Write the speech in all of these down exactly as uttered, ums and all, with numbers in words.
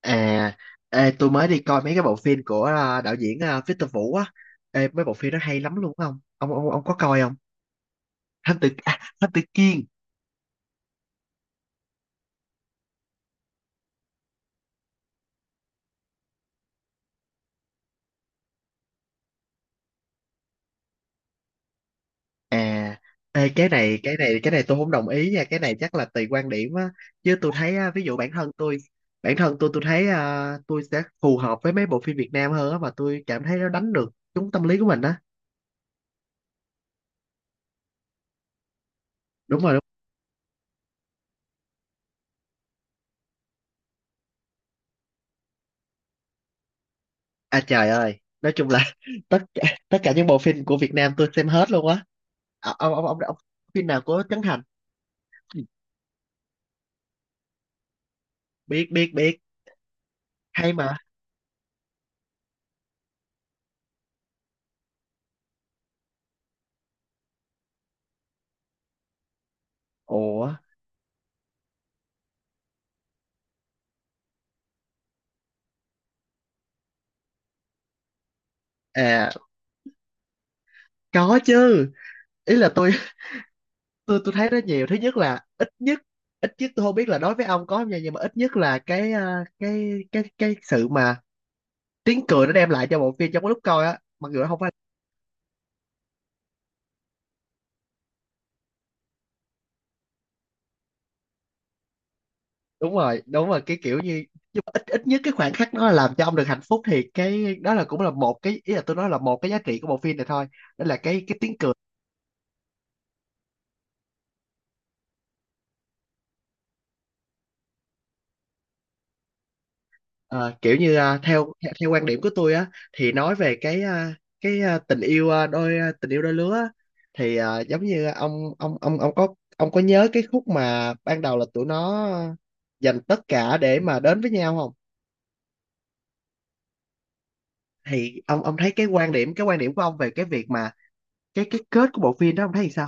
À, ê, tôi mới đi coi mấy cái bộ phim của à, đạo diễn à, Victor Vũ á. Ê, mấy bộ phim đó hay lắm luôn không? Ông ông ông có coi không? Thám tử à, Thám tử Kiên. À, ê, cái này cái này cái này tôi không đồng ý nha. Cái này chắc là tùy quan điểm á. Chứ tôi thấy à, ví dụ bản thân tôi bản thân tôi tôi thấy à, tôi sẽ phù hợp với mấy bộ phim Việt Nam hơn á mà tôi cảm thấy nó đánh được trúng tâm lý của mình á. Đúng rồi. Đúng. À trời ơi! Nói chung là tất cả tất cả những bộ phim của Việt Nam tôi xem hết luôn á. À, ông ông ông, ông phim nào của Trấn Thành? Biết biết biết. Hay mà. Ủa à có chứ. Ý là tôi tôi tôi thấy nó nhiều thứ nhất là ít nhất ít nhất tôi không biết là đối với ông có không nha, nhưng mà ít nhất là cái à, cái cái cái sự mà tiếng cười nó đem lại cho bộ phim trong cái lúc coi á mặc dù nó không phải. Đúng rồi, đúng rồi, cái kiểu như, nhưng mà ít ít nhất cái khoảnh khắc nó làm cho ông được hạnh phúc thì cái đó là cũng là một cái, ý là tôi nói là một cái giá trị của bộ phim này thôi, đó là cái cái tiếng cười. Ờ, kiểu như à, theo theo quan điểm của tôi á thì nói về cái à, cái à, tình yêu à, đôi à, tình yêu đôi lứa á, thì à, giống như ông ông ông ông có ông có nhớ cái khúc mà ban đầu là tụi nó dành tất cả để mà đến với nhau không? Thì ông ông thấy cái quan điểm cái quan điểm của ông về cái việc mà cái cái kết của bộ phim đó ông thấy thì sao?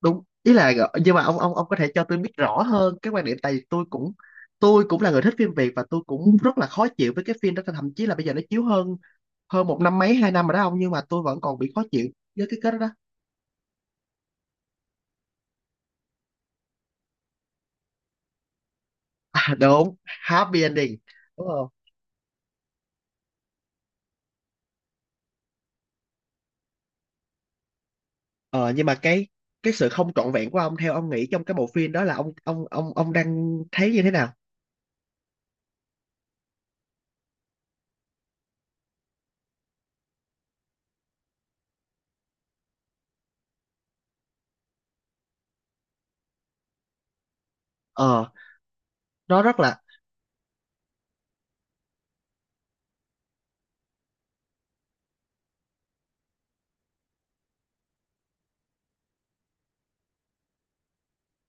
Đúng, ý là, nhưng mà ông ông ông có thể cho tôi biết rõ hơn cái quan điểm, tại vì tôi cũng tôi cũng là người thích phim Việt và tôi cũng rất là khó chịu với cái phim đó, thậm chí là bây giờ nó chiếu hơn hơn một năm mấy hai năm rồi đó ông, nhưng mà tôi vẫn còn bị khó chịu với cái kết đó. À, đúng, happy ending, đúng không? ờ nhưng mà cái cái sự không trọn vẹn của ông theo ông nghĩ trong cái bộ phim đó là ông ông ông ông đang thấy như thế nào? ờ nó rất là.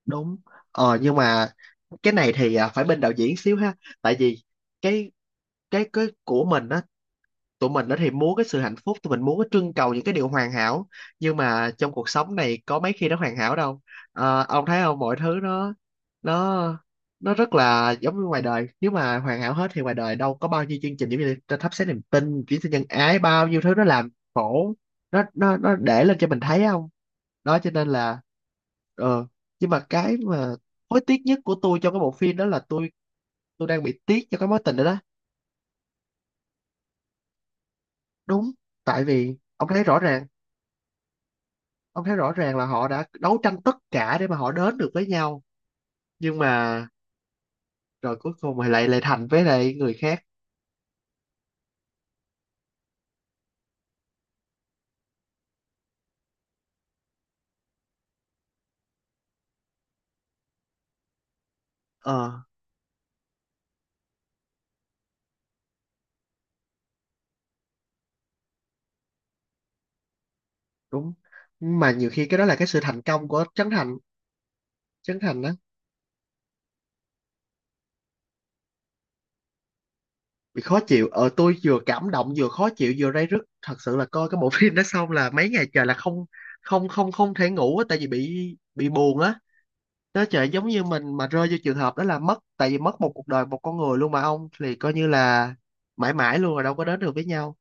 Đúng. ờ nhưng mà cái này thì à, phải bên đạo diễn xíu ha, tại vì cái cái cái của mình á, tụi mình đó thì muốn cái sự hạnh phúc, tụi mình muốn cái trưng cầu những cái điều hoàn hảo, nhưng mà trong cuộc sống này có mấy khi nó hoàn hảo đâu. Ờ, ông thấy không, mọi thứ nó nó nó rất là giống như ngoài đời, nếu mà hoàn hảo hết thì ngoài đời đâu có bao nhiêu chương trình giống như là thắp sáng niềm tin, chuyển sinh nhân ái, bao nhiêu thứ nó làm khổ nó nó nó để lên cho mình thấy không? Đó cho nên là ờ nhưng mà cái mà hối tiếc nhất của tôi trong cái bộ phim đó là tôi tôi đang bị tiếc cho cái mối tình đó đó. Đúng, tại vì ông thấy rõ ràng ông thấy rõ ràng là họ đã đấu tranh tất cả để mà họ đến được với nhau, nhưng mà rồi cuối cùng thì lại lại thành với lại người khác. ờ đúng. Nhưng mà nhiều khi cái đó là cái sự thành công của Trấn Thành. Trấn Thành đó bị khó chịu. ờ tôi vừa cảm động vừa khó chịu vừa ray rứt. Thật sự là coi cái bộ phim đó xong là mấy ngày trời là không không không không thể ngủ á, tại vì bị bị buồn á. Đó, trời, giống như mình mà rơi vô trường hợp đó là mất, tại vì mất một cuộc đời một con người luôn mà ông thì coi như là mãi mãi luôn rồi, đâu có đến được với nhau.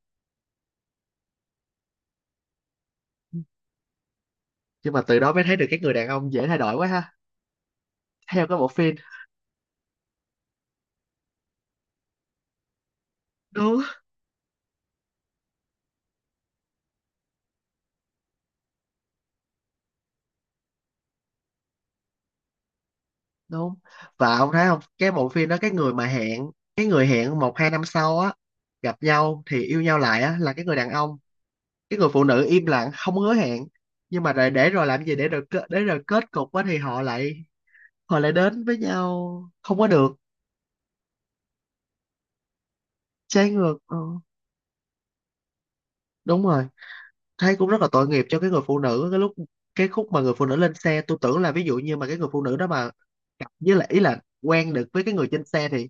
Nhưng mà từ đó mới thấy được các người đàn ông dễ thay đổi quá ha, theo cái bộ phim. Đúng đúng. Và ông thấy không, cái bộ phim đó, cái người mà hẹn cái người hẹn một hai năm sau á gặp nhau thì yêu nhau lại á là cái người đàn ông, cái người phụ nữ im lặng không hứa hẹn, nhưng mà để, để rồi làm gì để rồi kết để rồi kết cục á thì họ lại họ lại đến với nhau không có được. Trái ngược. Ừ, đúng rồi. Thấy cũng rất là tội nghiệp cho cái người phụ nữ cái lúc, cái khúc mà người phụ nữ lên xe, tôi tưởng là ví dụ như mà cái người phụ nữ đó mà gặp với lại, ý là quen được với cái người trên xe thì.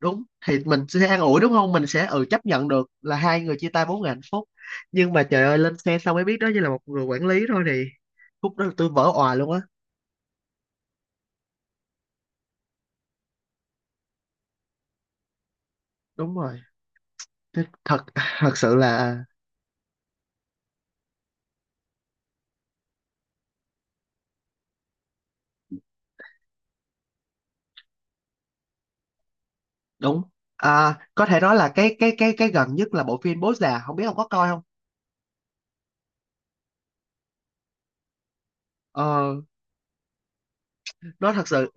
Đúng. Thì mình sẽ an ủi đúng không, mình sẽ ừ chấp nhận được là hai người chia tay bốn người hạnh phúc, nhưng mà trời ơi lên xe xong mới biết đó chỉ là một người quản lý thôi thì khúc đó tôi vỡ òa luôn á. Đúng rồi. Thế thật thật sự là à, đúng. à, có thể nói là cái cái cái cái gần nhất là bộ phim Bố Già không biết ông có coi không? ờ nó thật sự.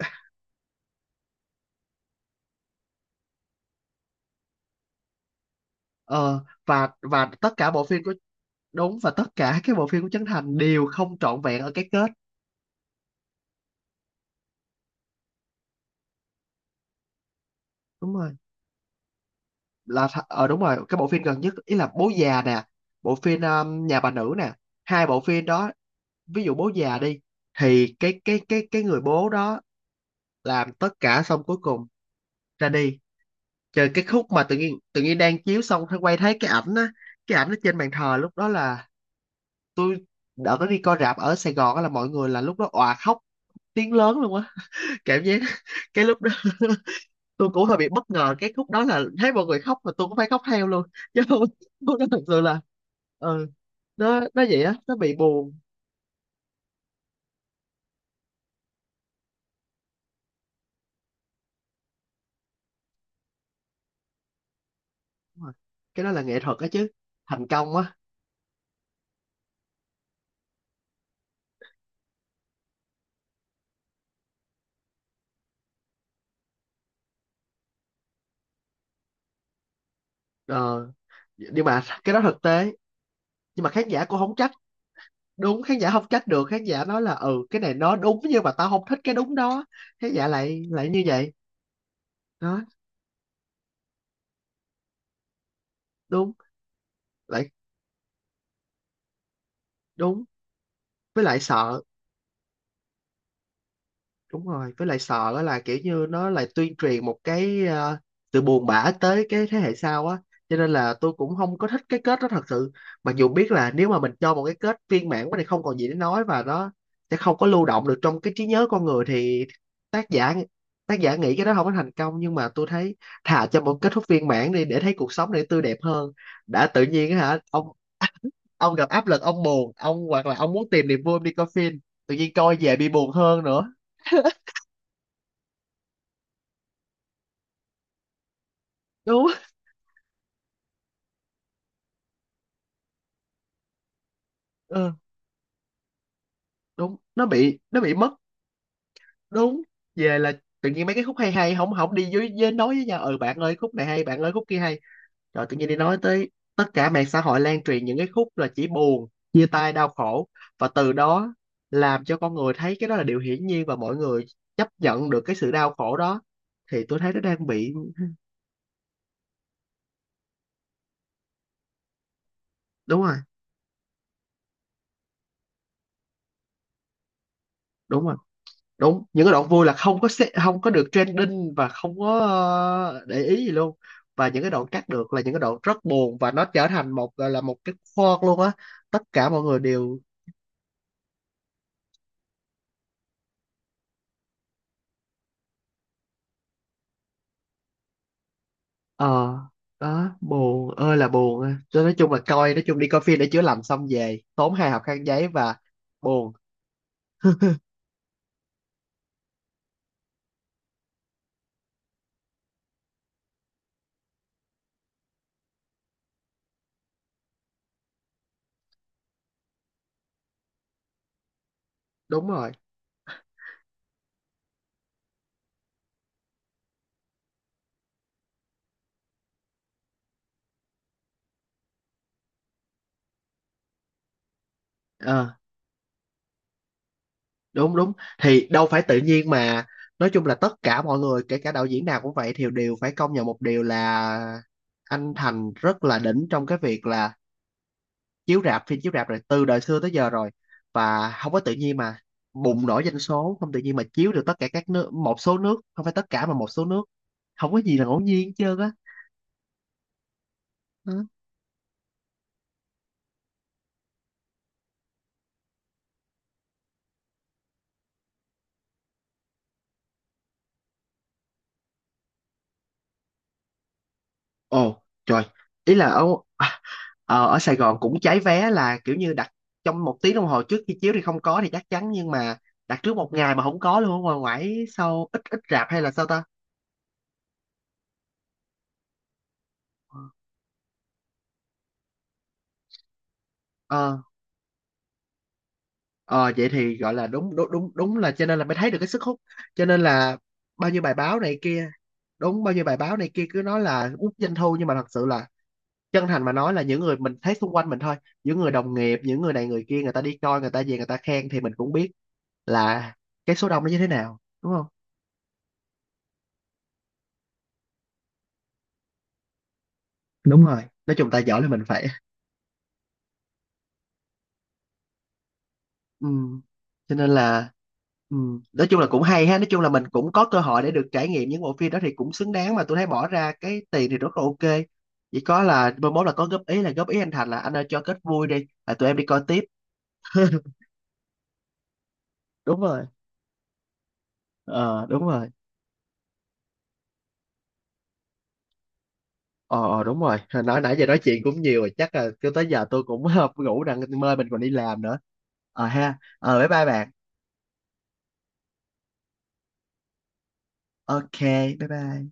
ờ và và tất cả bộ phim. Đúng. Và tất cả các bộ phim của Trấn Thành đều không trọn vẹn ở cái kết. Đúng rồi. Là th- ờ đúng rồi, cái bộ phim gần nhất ý là Bố già nè, bộ phim um, Nhà bà nữ nè, hai bộ phim đó. Ví dụ Bố già đi, thì cái cái cái cái người bố đó làm tất cả xong cuối cùng ra đi. Trời, cái khúc mà tự nhiên tự nhiên đang chiếu xong thấy quay thấy cái ảnh á, cái ảnh ở trên bàn thờ lúc đó là tôi đỡ có đi coi rạp ở Sài Gòn á là mọi người là lúc đó òa khóc tiếng lớn luôn á. Cảm giác cái lúc đó tôi cũng hơi bị bất ngờ cái khúc đó là thấy mọi người khóc mà tôi cũng phải khóc theo luôn chứ không. Không đó thật sự là. Ừ, nó nó vậy á, nó bị buồn. Đúng rồi. Cái đó là nghệ thuật á chứ, thành công á. ờ nhưng mà cái đó thực tế. Nhưng mà khán giả cũng không trách. Đúng, khán giả không trách được, khán giả nói là "ừ cái này nó đúng nhưng mà tao không thích cái đúng đó". Khán giả lại lại như vậy. Đó. Đúng. Lại. Đúng. Với lại sợ. Đúng rồi, với lại sợ á là kiểu như nó lại tuyên truyền một cái ờ, sự buồn bã tới cái thế hệ sau á, cho nên là tôi cũng không có thích cái kết đó thật sự. Mặc dù biết là nếu mà mình cho một cái kết viên mãn quá thì không còn gì để nói và nó sẽ không có lưu động được trong cái trí nhớ con người thì tác giả tác giả nghĩ cái đó không có thành công, nhưng mà tôi thấy thà cho một kết thúc viên mãn đi để thấy cuộc sống này tươi đẹp hơn. Đã tự nhiên á hả ông ông gặp áp lực, ông buồn, ông hoặc là ông muốn tìm niềm vui ông đi coi phim, tự nhiên coi về bị buồn hơn nữa. Đúng. Ừ. Đúng nó bị nó bị mất. Đúng. Về là tự nhiên mấy cái khúc hay hay không không đi với, với nói với nhau "ừ bạn ơi khúc này hay bạn ơi khúc kia hay", rồi tự nhiên đi nói tới tất cả mạng xã hội lan truyền những cái khúc là chỉ buồn, chia tay, đau khổ. Và từ đó làm cho con người thấy cái đó là điều hiển nhiên và mọi người chấp nhận được cái sự đau khổ đó, thì tôi thấy nó đang bị. Đúng rồi, đúng rồi. Đúng, những cái đoạn vui là không có se- không có được trending và không có ờ, để ý gì luôn, và những cái đoạn cắt được là những cái đoạn rất buồn và nó trở thành một gọi là một cái khoan luôn á. Tất cả mọi người đều. Ờ. Đó buồn ơi là buồn á. Cho nên nói chung là coi nói chung đi coi phim để chữa lành xong về tốn hai hộp khăn giấy và buồn. Đúng rồi. Ờ. Đúng đúng. Thì đâu phải tự nhiên mà, nói chung là tất cả mọi người kể cả đạo diễn nào cũng vậy thì đều phải công nhận một điều là anh Thành rất là đỉnh trong cái việc là chiếu rạp phim chiếu rạp rồi từ đời xưa tới giờ rồi. Và không có tự nhiên mà bùng nổ doanh số, không tự nhiên mà chiếu được tất cả các nước, một số nước, không phải tất cả mà một số nước, không có gì là ngẫu nhiên hết trơn á. Đó. Ồ trời. Ý là ở à, ờ, ở Sài Gòn cũng cháy vé là kiểu như đặt trong một tiếng đồng hồ trước khi chiếu thì không có thì chắc chắn, nhưng mà đặt trước một ngày mà không có luôn, ở ngoài ngoại sau ít ít rạp hay là sao ta. Ờ. Ờ vậy thì gọi là đúng đúng đúng đúng là, cho nên là mới thấy được cái sức hút, cho nên là bao nhiêu bài báo này kia. Đúng, bao nhiêu bài báo này kia cứ nói là út doanh thu nhưng mà thật sự là chân thành mà nói là những người mình thấy xung quanh mình thôi, những người đồng nghiệp, những người này người kia, người ta đi coi người ta về người ta khen thì mình cũng biết là cái số đông nó như thế nào đúng không. Đúng rồi, nói chung ta giỏi là mình phải. Ừ. Cho nên là. Ừ. Nói chung là cũng hay ha, nói chung là mình cũng có cơ hội để được trải nghiệm những bộ phim đó thì cũng xứng đáng mà tôi thấy bỏ ra cái tiền thì rất là ok. Chỉ có là mai mốt là có góp ý là góp ý anh Thành là "anh ơi cho kết vui đi là tụi em đi coi tiếp" đúng rồi. ờ đúng rồi. ờ ờ, đúng rồi. Hồi nói nãy giờ nói chuyện cũng nhiều rồi chắc là cứ tới giờ tôi cũng ngủ rằng mơ mình còn đi làm nữa. Ờ ha ờ bye bye bạn. Ok. Bye bye.